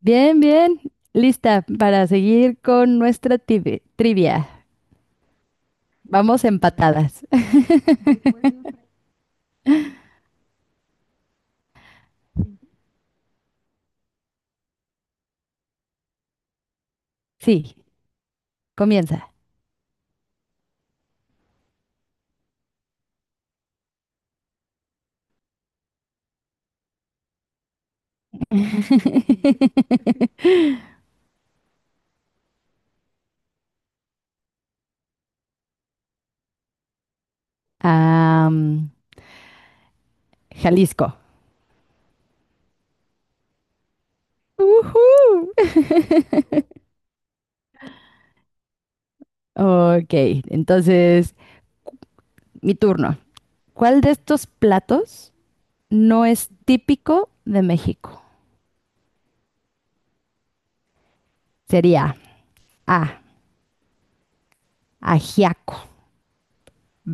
Bien, bien. Lista para seguir con nuestra trivia. Vamos empatadas. Sí, comienza. Am, Jalisco. Ujú. Ok, entonces mi turno. ¿Cuál de estos platos no es típico de México? Sería A, ajiaco,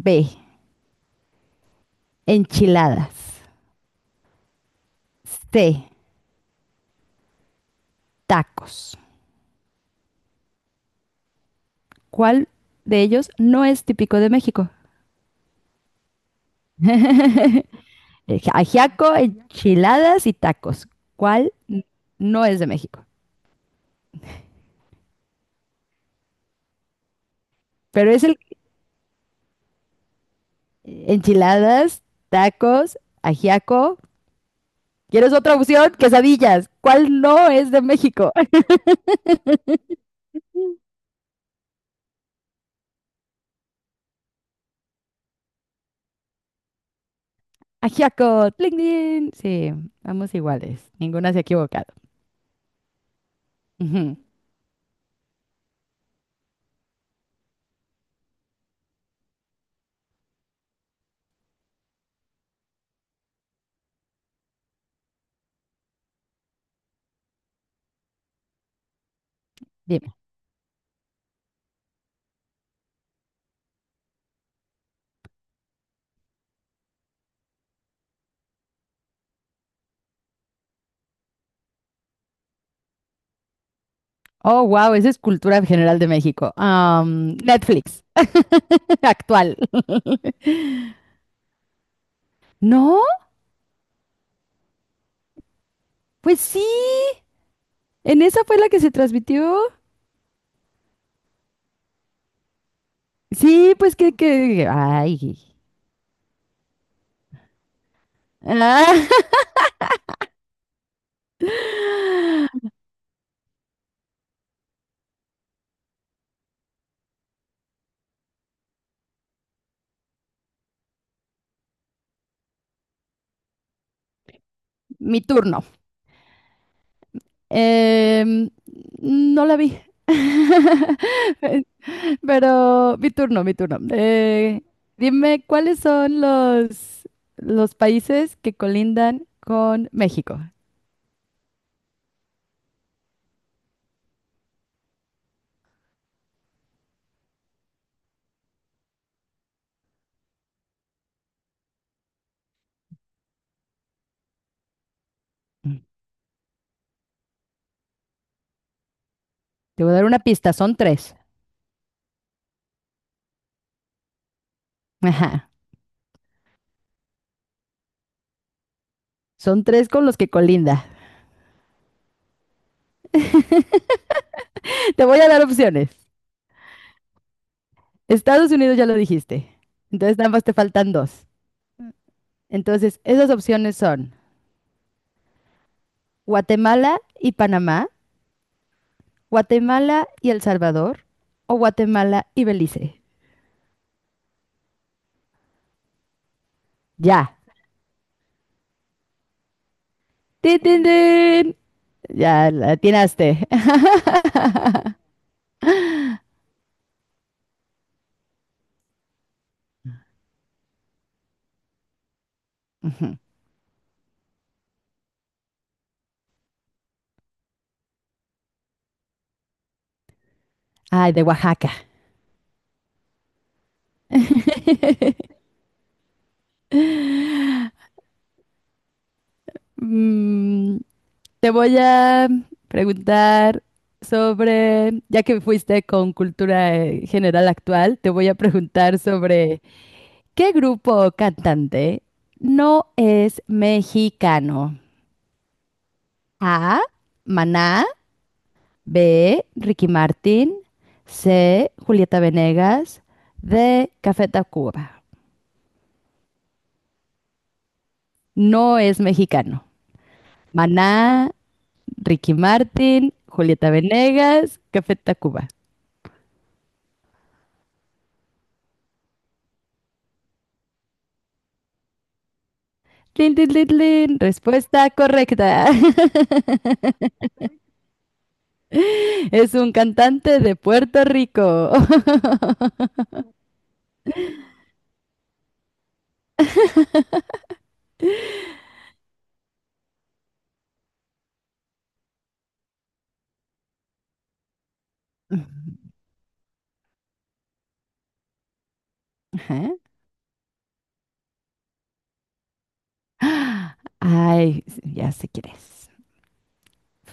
B, enchiladas, C, tacos. ¿Cuál de ellos no es típico de México? El ajiaco, enchiladas y tacos. ¿Cuál n- no es de México? Pero es el enchiladas, tacos, ajiaco. ¿Quieres otra opción? Quesadillas. ¿Cuál no es de México? Ajiaco, tling, tling. Sí, vamos iguales. Ninguna se ha equivocado. Ujú. Dime. Oh, wow, esa es cultura general de México. Netflix. Actual. ¿No? Pues sí. En esa fue la que se transmitió. Sí, pues ay. Ah, mi turno. Em, no la vi. Pero mi turno, mi turno. Dime cuáles son los países que colindan con México. Mm. Te voy a dar una pista, son tres. Ajá. Son tres con los que colinda. Te voy a dar opciones. Estados Unidos ya lo dijiste. Entonces nada más te faltan dos. Entonces, esas opciones son Guatemala y Panamá, Guatemala y El Salvador o Guatemala y Belice. Ya. ¡Tin, tin, tin! Ya la atinaste. Ujú. Ay, de Oaxaca. Mm, te voy a preguntar sobre, ya que fuiste con cultura general actual, te voy a preguntar sobre ¿qué grupo o cantante no es mexicano? A, Maná, B, Ricky Martin, C, Julieta Venegas, D, Café Tacuba. No es mexicano. Maná, Ricky Martin, Julieta Venegas, Café Tacuba. Tin, tin, tin, tin. Respuesta correcta. Es un cantante de Puerto Rico. Ajá. Ay, ya sé quién es.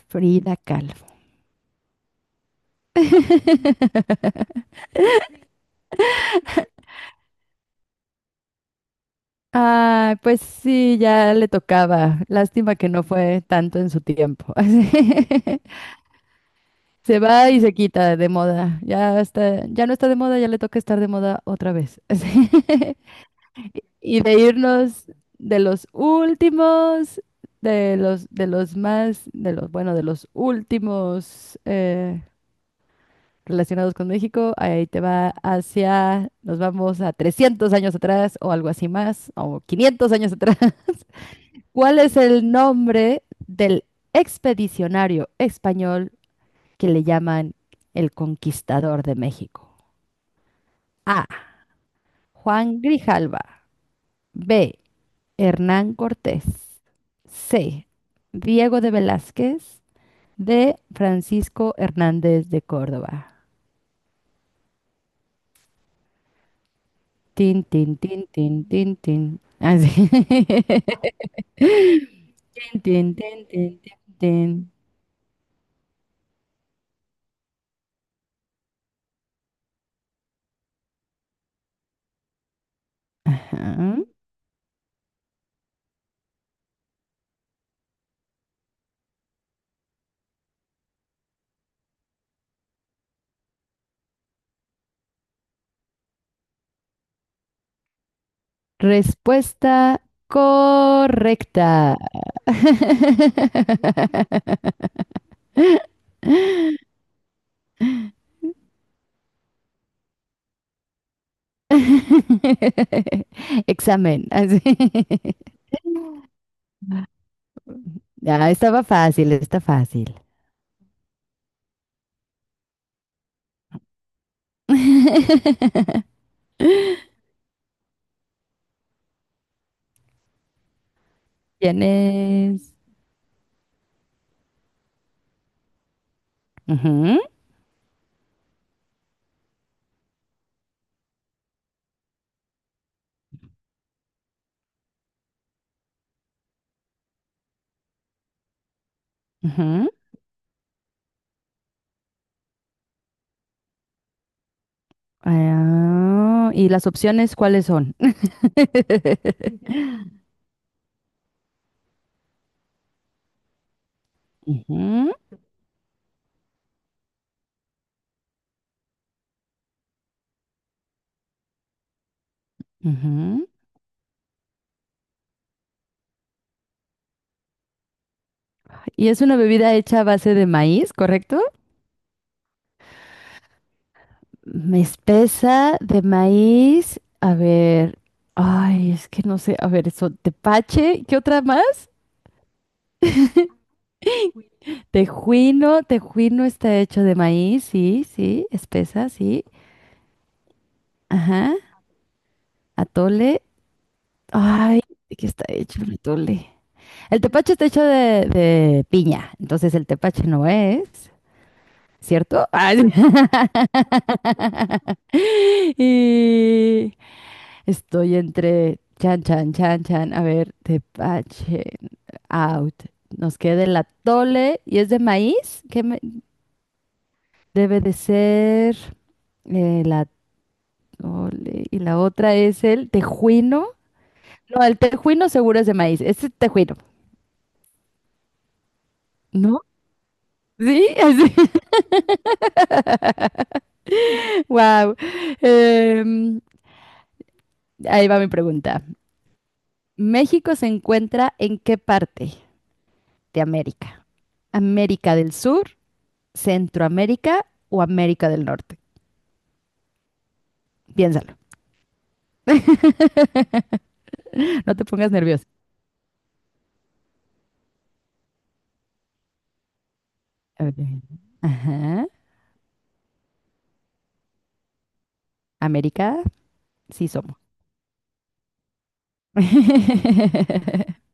Frida Kahlo. Ah, pues sí, ya le tocaba. Lástima que no fue tanto en su tiempo. Así. Se va y se quita de moda. Ya está, ya no está de moda, ya le toca estar de moda otra vez. Así. Y de irnos de los últimos, de los más, de los, bueno, de los últimos relacionados con México, ahí te va hacia, nos vamos a 300 años atrás o algo así más, o 500 años atrás. ¿Cuál es el nombre del expedicionario español que le llaman el conquistador de México? A. Juan Grijalva. B. Hernán Cortés. C. Diego de Velázquez. D. Francisco Hernández de Córdoba. Tin, tin, tin, tin, tin, tin. Así. Tin, tin, tin, tin, tin, tin. Ajá. Respuesta correcta. Examen. Así. Ya, estaba fácil, está fácil. Tienes. Ujú, ujú. Ah, ¿y las opciones cuáles son? Ujú, ujú. Y es una bebida hecha a base de maíz, ¿correcto? Me espesa de maíz. A ver. Ay, es que no sé. A ver, eso. Tepache. ¿Qué otra más? Tejuino. Tejuino está hecho de maíz. Sí, sí. Espesa, sí. Ajá. Atole. Ay, ¿de qué está hecho el atole? El tepache está hecho de piña. Entonces el tepache no es. ¿Cierto? Ay. Y. Estoy entre chan, chan, chan, chan. A ver, tepache, out. Nos queda el atole y es de maíz. ¿Qué me- debe de ser? El atole. Y la otra es el tejuino. No, el tejuino seguro es de maíz. Este es tejuino, ¿no? Sí, así. Wow. Ahí va mi pregunta. ¿México se encuentra en qué parte de América? ¿América del Sur, Centroamérica o América del Norte? Piénsalo. no te pongas nervioso. A ver. Ajá. América, sí somos.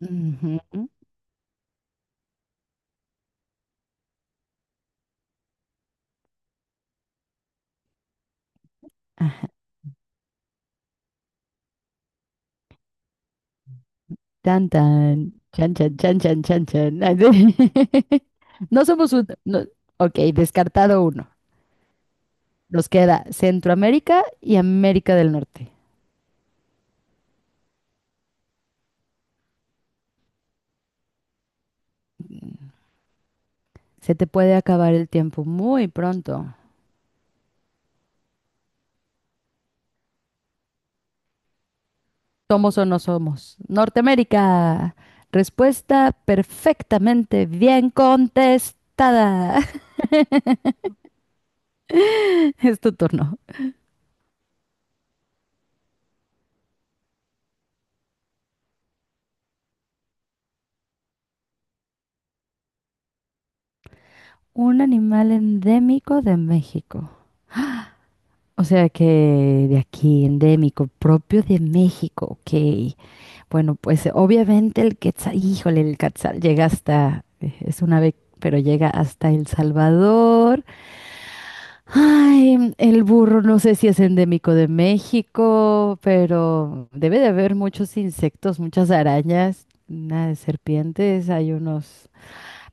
Ujú. Ajá. Tan, tan. Chan, chan, chan, chan, chan, chan. No somos un... no. Ok, descartado uno. Nos queda Centroamérica y América del Norte. Se te puede acabar el tiempo muy pronto. ¿Somos o no somos? Norteamérica. Respuesta perfectamente bien contestada. Es tu turno. Un animal endémico de México. O sea que de aquí, endémico, propio de México, ok. Bueno, pues obviamente el quetzal, híjole, el quetzal llega hasta, es un ave, pero llega hasta El Salvador. Ay, el burro no sé si es endémico de México, pero debe de haber muchos insectos, muchas arañas, una de serpientes, hay unos.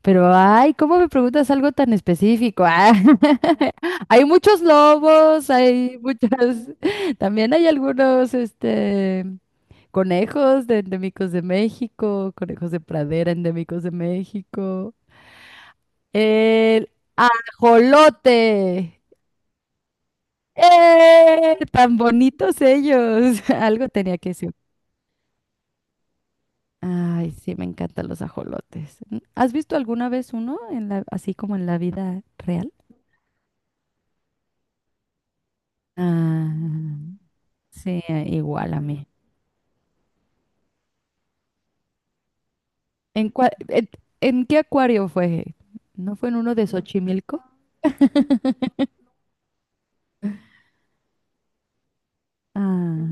Pero, ay, ¿cómo me preguntas algo tan específico? Ah, hay muchos lobos, hay muchas. También hay algunos, conejos de endémicos de México, conejos de pradera endémicos de México. El ajolote. ¡Eh! Tan bonitos ellos. Algo tenía que decir. Ay, sí, me encantan los ajolotes. Mm, ¿has visto alguna vez uno en la, así como en la vida real? Ah, sí, igual a mí. ¿En, cua- en, en qué acuario fue? ¿No fue en uno de Xochimilco? Ah,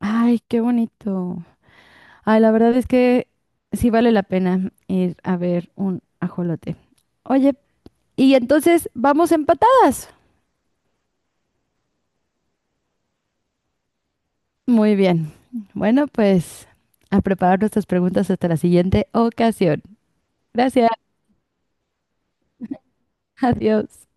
ay, qué bonito. Ay, la verdad es que sí vale la pena ir a ver un ajolote. Oye, y entonces vamos empatadas. Muy bien. Bueno, pues a preparar nuestras preguntas hasta la siguiente ocasión. Gracias. Adiós.